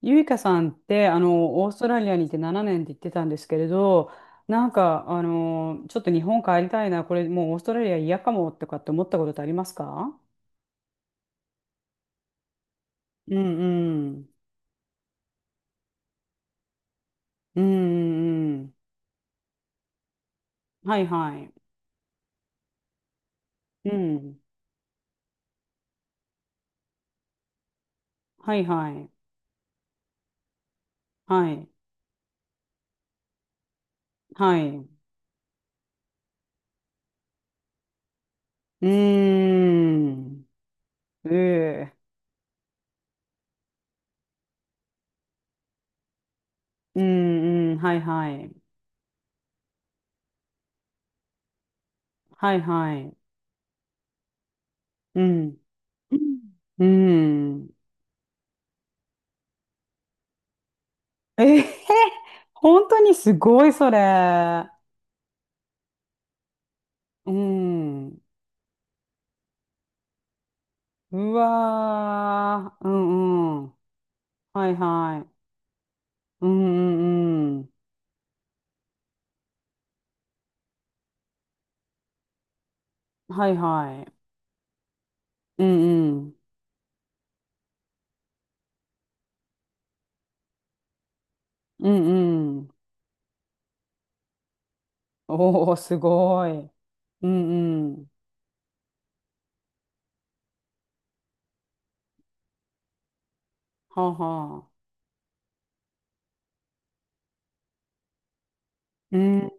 ゆいかさんって、オーストラリアにいて7年って言ってたんですけれど、なんか、ちょっと日本帰りたいな、これもうオーストラリア嫌かもとかって思ったことってありますか？うんうん。うんうんうん。はいはい。うん。はいはい。はい。はい。うーん。ええ。うんうん。はいはい。はいはい。うん。うん。ええ、本当にすごいそれ。うん。うわー。うんうん。はいはい。うんうんうん。はいはい。うんうん。うんうん。おー、すごい。うんうん。はあはあ。うん。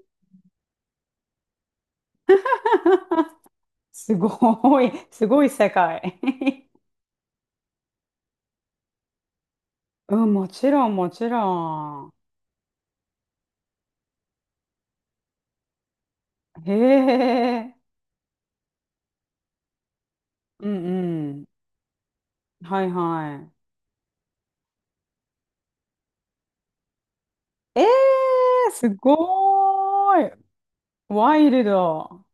すごい。すごい世界。うん、もちろん、もちろん。へえ。うんうん。はいはい。えー、すごーい。ワイルド。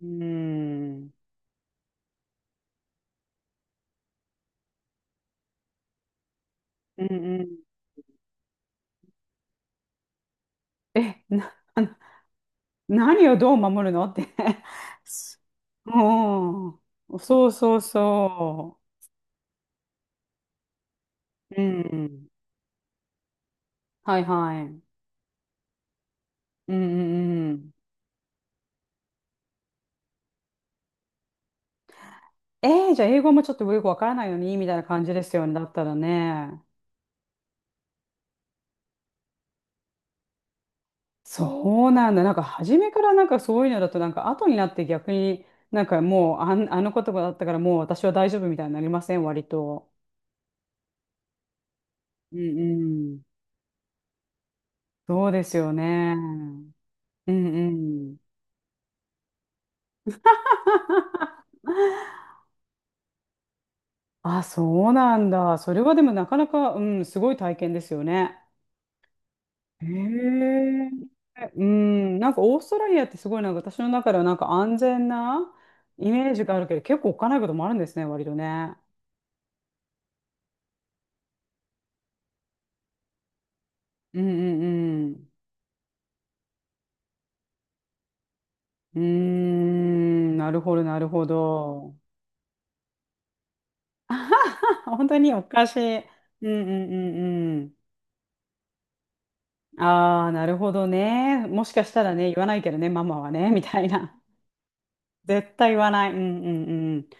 うん。うんうん。え、な、あの何をどう守るのって うん。そうそうそう。うん。はいはい。うんうんうん。えー、じゃあ英語もちょっとよくわからないのにみたいな感じですよね。だったらね。そうなんだ。なんか初めからなんかそういうのだとなんか後になって逆になんかもうあの言葉だったからもう私は大丈夫みたいになりません、割と。うんうん。そうですよね。うんうん。あ、そうなんだ。それはでもなかなか、うん、すごい体験ですよね。へえ。うん、なんかオーストラリアってすごいなんか私の中ではなんか安全なイメージがあるけど、結構おっかないこともあるんですね、割とね。うんうんうん。うーん、なるほど、なるほど。本当におかしい。うんうんうんうん。ああ、なるほどね。もしかしたらね、言わないけどね、ママはね、みたいな。絶対言わない。うんうんうん。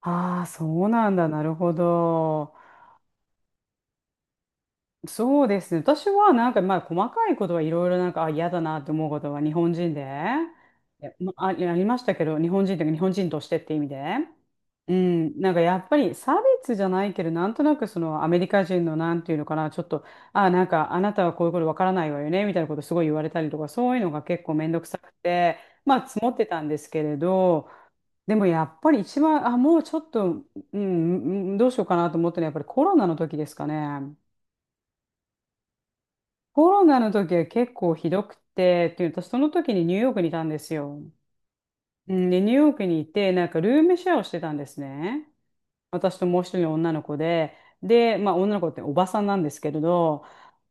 ああ、そうなんだ。なるほど。そうですね。私はなんか、まあ、細かいことはいろいろなんか、あ、嫌だなって思うことは日本人で、いやまあ、ありましたけど、日本人というか日本人としてって意味で。うん、なんかやっぱり差別じゃないけど、なんとなくそのアメリカ人のなんていうのかな、ちょっと、あ、なんかあなたはこういうことわからないわよね、みたいなことすごい言われたりとか、そういうのが結構めんどくさくて、まあ積もってたんですけれど、でもやっぱり一番、あ、もうちょっと、うどうしようかなと思ったのはやっぱりコロナの時ですかね。コロナの時は結構ひどくて、っていうと、その時にニューヨークにいたんですよ。うんで、ニューヨークにいて、なんかルームシェアをしてたんですね。私ともう一人の女の子で、で、まあ女の子っておばさんなんですけれど、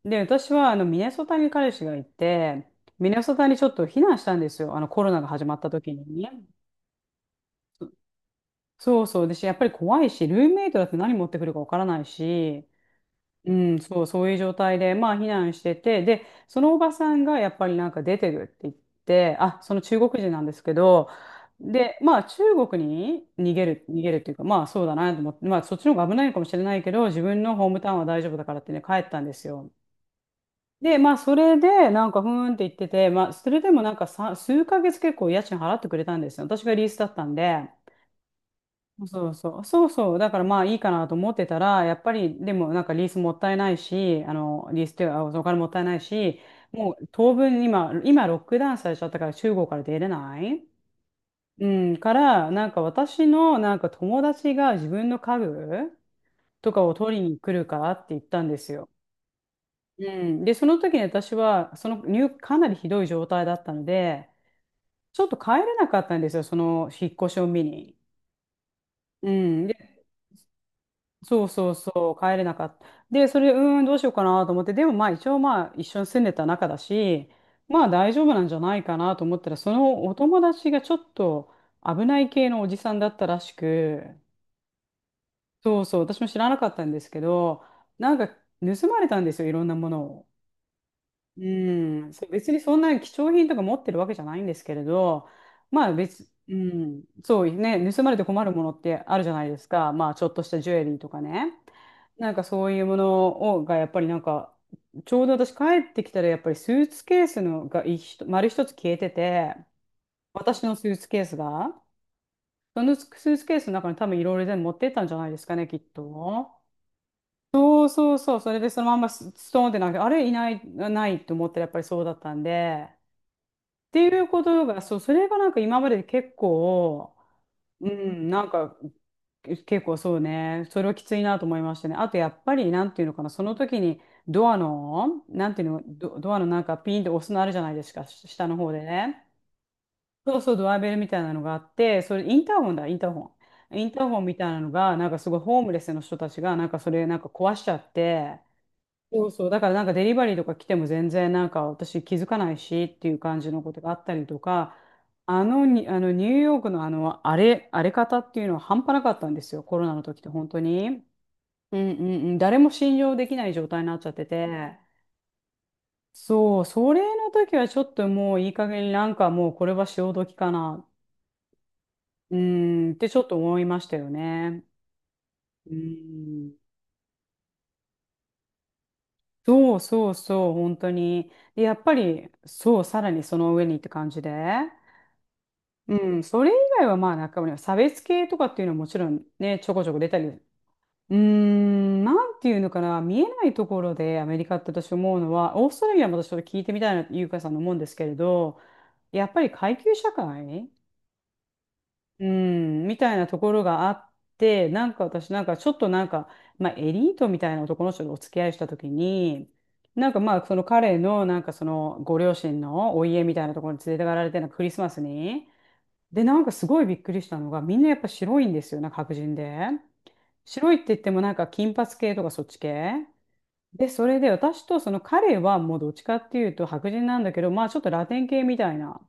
で、私はミネソタに彼氏がいて、ミネソタにちょっと避難したんですよ。コロナが始まった時にね。そうそう。で、やっぱり怖いし、ルームメイトだって何持ってくるかわからないし、うん、そう、そういう状態で、まあ避難してて、で、そのおばさんがやっぱりなんか出てるって言って、あ、その中国人なんですけど、で、まあ中国に逃げる、逃げるっていうか、まあそうだなと思って、まあそっちの方が危ないのかもしれないけど、自分のホームタウンは大丈夫だからってね、帰ったんですよ。で、まあそれで、なんかふーんって言ってて、まあそれでもなんかさ、数ヶ月結構家賃払ってくれたんですよ。私がリースだったんで。そうそう、そうそう、だからまあいいかなと思ってたら、やっぱりでもなんかリースもったいないし、あのリースってお金もったいないし、もう当分今ロックダウンされちゃったから中国から出れない。うから、なんか私のなんか友達が自分の家具とかを取りに来るからって言ったんですよ。うん、で、その時に私は、その入、かなりひどい状態だったので、ちょっと帰れなかったんですよ、その引っ越しを見に。うん、でそうそうそう、帰れなかった。で、それ、どうしようかなと思って、でもまあ一応まあ一緒に住んでた仲だし、まあ大丈夫なんじゃないかなと思ったら、そのお友達がちょっと危ない系のおじさんだったらしく、そうそう、私も知らなかったんですけど、なんか盗まれたんですよ、いろんなものを。うん、そう別にそんな貴重品とか持ってるわけじゃないんですけれど、まあ別、うん、そうね、盗まれて困るものってあるじゃないですか、まあちょっとしたジュエリーとかね、なんかそういうものをがやっぱりなんか、ちょうど私帰ってきたらやっぱりスーツケースのが一つ消えてて、私のスーツケースが、そのスーツケースの中に多分いろいろ全部持ってったんじゃないですかね、きっと。そうそうそう、それでそのまんまスストーンってなんか、あれいない、ないと思ったらやっぱりそうだったんで。っていうことが、そう、それがなんか今まで結構、うん、なんか結構そうね、それはきついなと思いましたね。あとやっぱり、なんていうのかな、その時にドアの、なんていうの、ドアのなんかピンって押すのあるじゃないですか、し下の方でね。そうそう、ドアベルみたいなのがあって、それインターホンだ、インターホン。インターホンみたいなのが、なんかすごいホームレスの人たちが、なんかそれなんか壊しちゃって、そうそう。だからなんかデリバリーとか来ても全然なんか私気づかないしっていう感じのことがあったりとか、あのに、あのニューヨークのあの荒れ方っていうのは半端なかったんですよ。コロナの時って本当に。うんうんうん。誰も信用できない状態になっちゃってて。そう、それの時はちょっともういい加減になんかもうこれは潮時かな。うーんってちょっと思いましたよね。うん。そうそうそう、本当に。でやっぱり、そう、さらにその上にって感じで。うん、それ以外はまあ中身は差別系とかっていうのはもちろんね、ちょこちょこ出たり、なんていうのかな、見えないところでアメリカって私思うのは、オーストラリアも私ちょっと聞いてみたいなとゆうかさんの思うんですけれど、やっぱり階級社会、うん、みたいなところがあって、なんか私なんかちょっとなんか、まあエリートみたいな男の人とお付き合いしたときに、なんかまあその彼のなんかそのご両親のお家みたいなところに連れてかれてなんかクリスマスに、で、なんかすごいびっくりしたのが、みんなやっぱ白いんですよ、なんか白人で。白いって言ってもなんか金髪系とかそっち系。で、それで私とその彼はもうどっちかっていうと白人なんだけど、まあちょっとラテン系みたいな。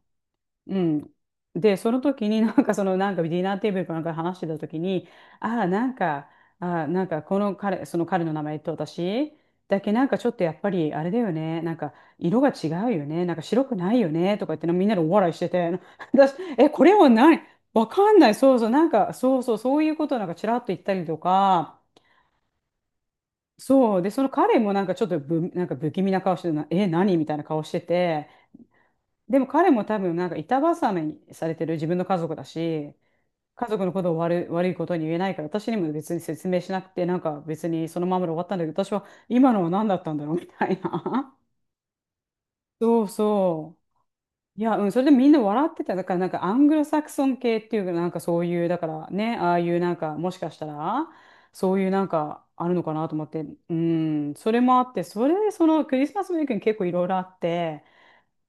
うん。で、その時に なんかそのなんかディナーテーブルかなんかで話してた時に、ああ、なんか、ああ、なんかこの彼、その彼の名前と私だけなんかちょっとやっぱりあれだよね、なんか色が違うよね、なんか白くないよねとか言ってみんなでお笑いしてて、私、え、これは何わかんない、そうそう、なんかそうそう、そういうことをなんかちらっと言ったりとか、そう、で、その彼もなんかちょっとなんか不気味な顔してるな、え、何みたいな顔してて、でも彼も多分なんか板挟みにされてる自分の家族だし、家族のことを悪いことに言えないから、私にも別に説明しなくて、なんか別にそのままで終わったんだけど、私は今のは何だったんだろうみたいな。そうそう。いや、うん、それでみんな笑ってた。だからなんかアングロサクソン系っていうか、なんかそういう、だからね、ああいうなんか、もしかしたら、そういうなんかあるのかなと思って、うん、それもあって、それでそのクリスマスウィークに結構いろいろあって、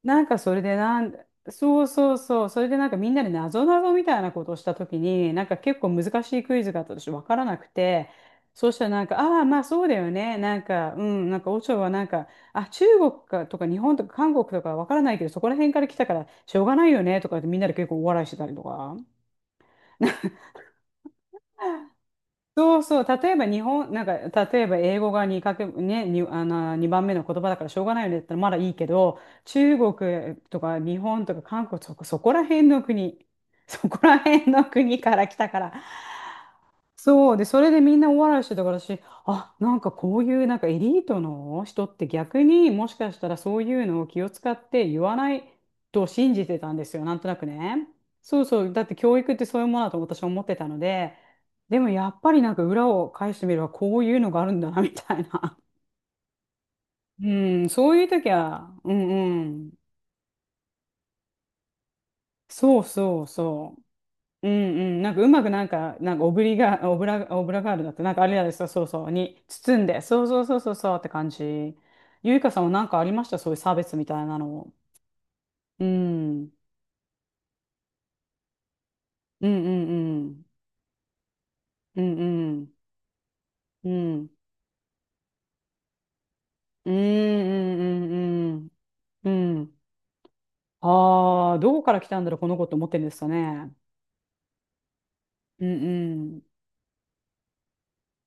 なんかそれでなん、そうそうそう、それでなんかみんなでなぞなぞみたいなことをしたときに、なんか結構難しいクイズがあったとして分からなくて、そうしたらなんか、ああ、まあそうだよね、なんか、うん、なんか、オチョはなんか、あ、中国かとか日本とか韓国とか分からないけど、そこら辺から来たからしょうがないよねとかってみんなで結構お笑いしてたりとか。そうそう、例えば日本、なんか、例えば英語が2かけ、ね、に、2番目の言葉だからしょうがないよねって言ったらまだいいけど、中国とか日本とか韓国とかそこら辺の国から来たから、そうでそれでみんな大笑いしてたから私、あ、なんかこういうなんかエリートの人って逆にもしかしたらそういうのを気を使って言わないと信じてたんですよ、なんとなくね。そうそう、だって教育ってそういうものだと私は思ってたので。でもやっぱりなんか裏を返してみればこういうのがあるんだなみたいな。 うん、そういう時はうん、うん、そうそうそう、うん、うん、なんかうまくなんか、なんかオブリガ、オブラ、オブラガールだって、なんかあれですよ、そうそう、に包んで、そうそうそうそうそうって感じ。ゆいかさんはなんかありました、そういう差別みたいなの。うん。うんうんうん。うんうん。うんうんうんうんうん。うんうんうんうんうんうん。ああー、どこから来たんだろう、この子って思ってるんですかね。うんうん。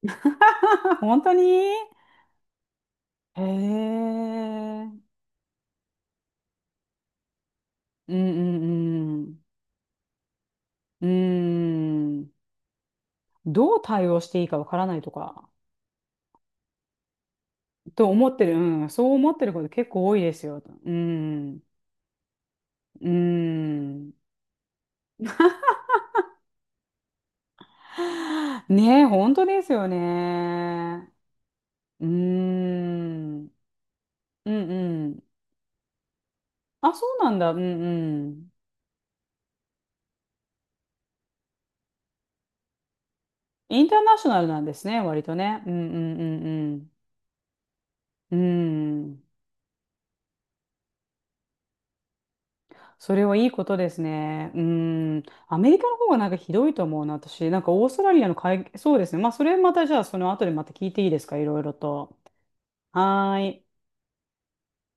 本当に。へえ。うんうんうん。うん。どう対応していいかわからないとか、と思ってる、うん、そう思ってること結構多いですよ。うん、うん。はあねえ、本当ですよね。うん、うんうん。あ、そうなんだ、うん。うん。インターナショナルなんですね、割とね。うんうんうんうん。うん。それはいいことですね。うん。アメリカの方がなんかひどいと思うな、私。なんかオーストラリアの会、そうですね。まあ、それまたじゃあ、その後でまた聞いていいですか、いろいろと。はーい。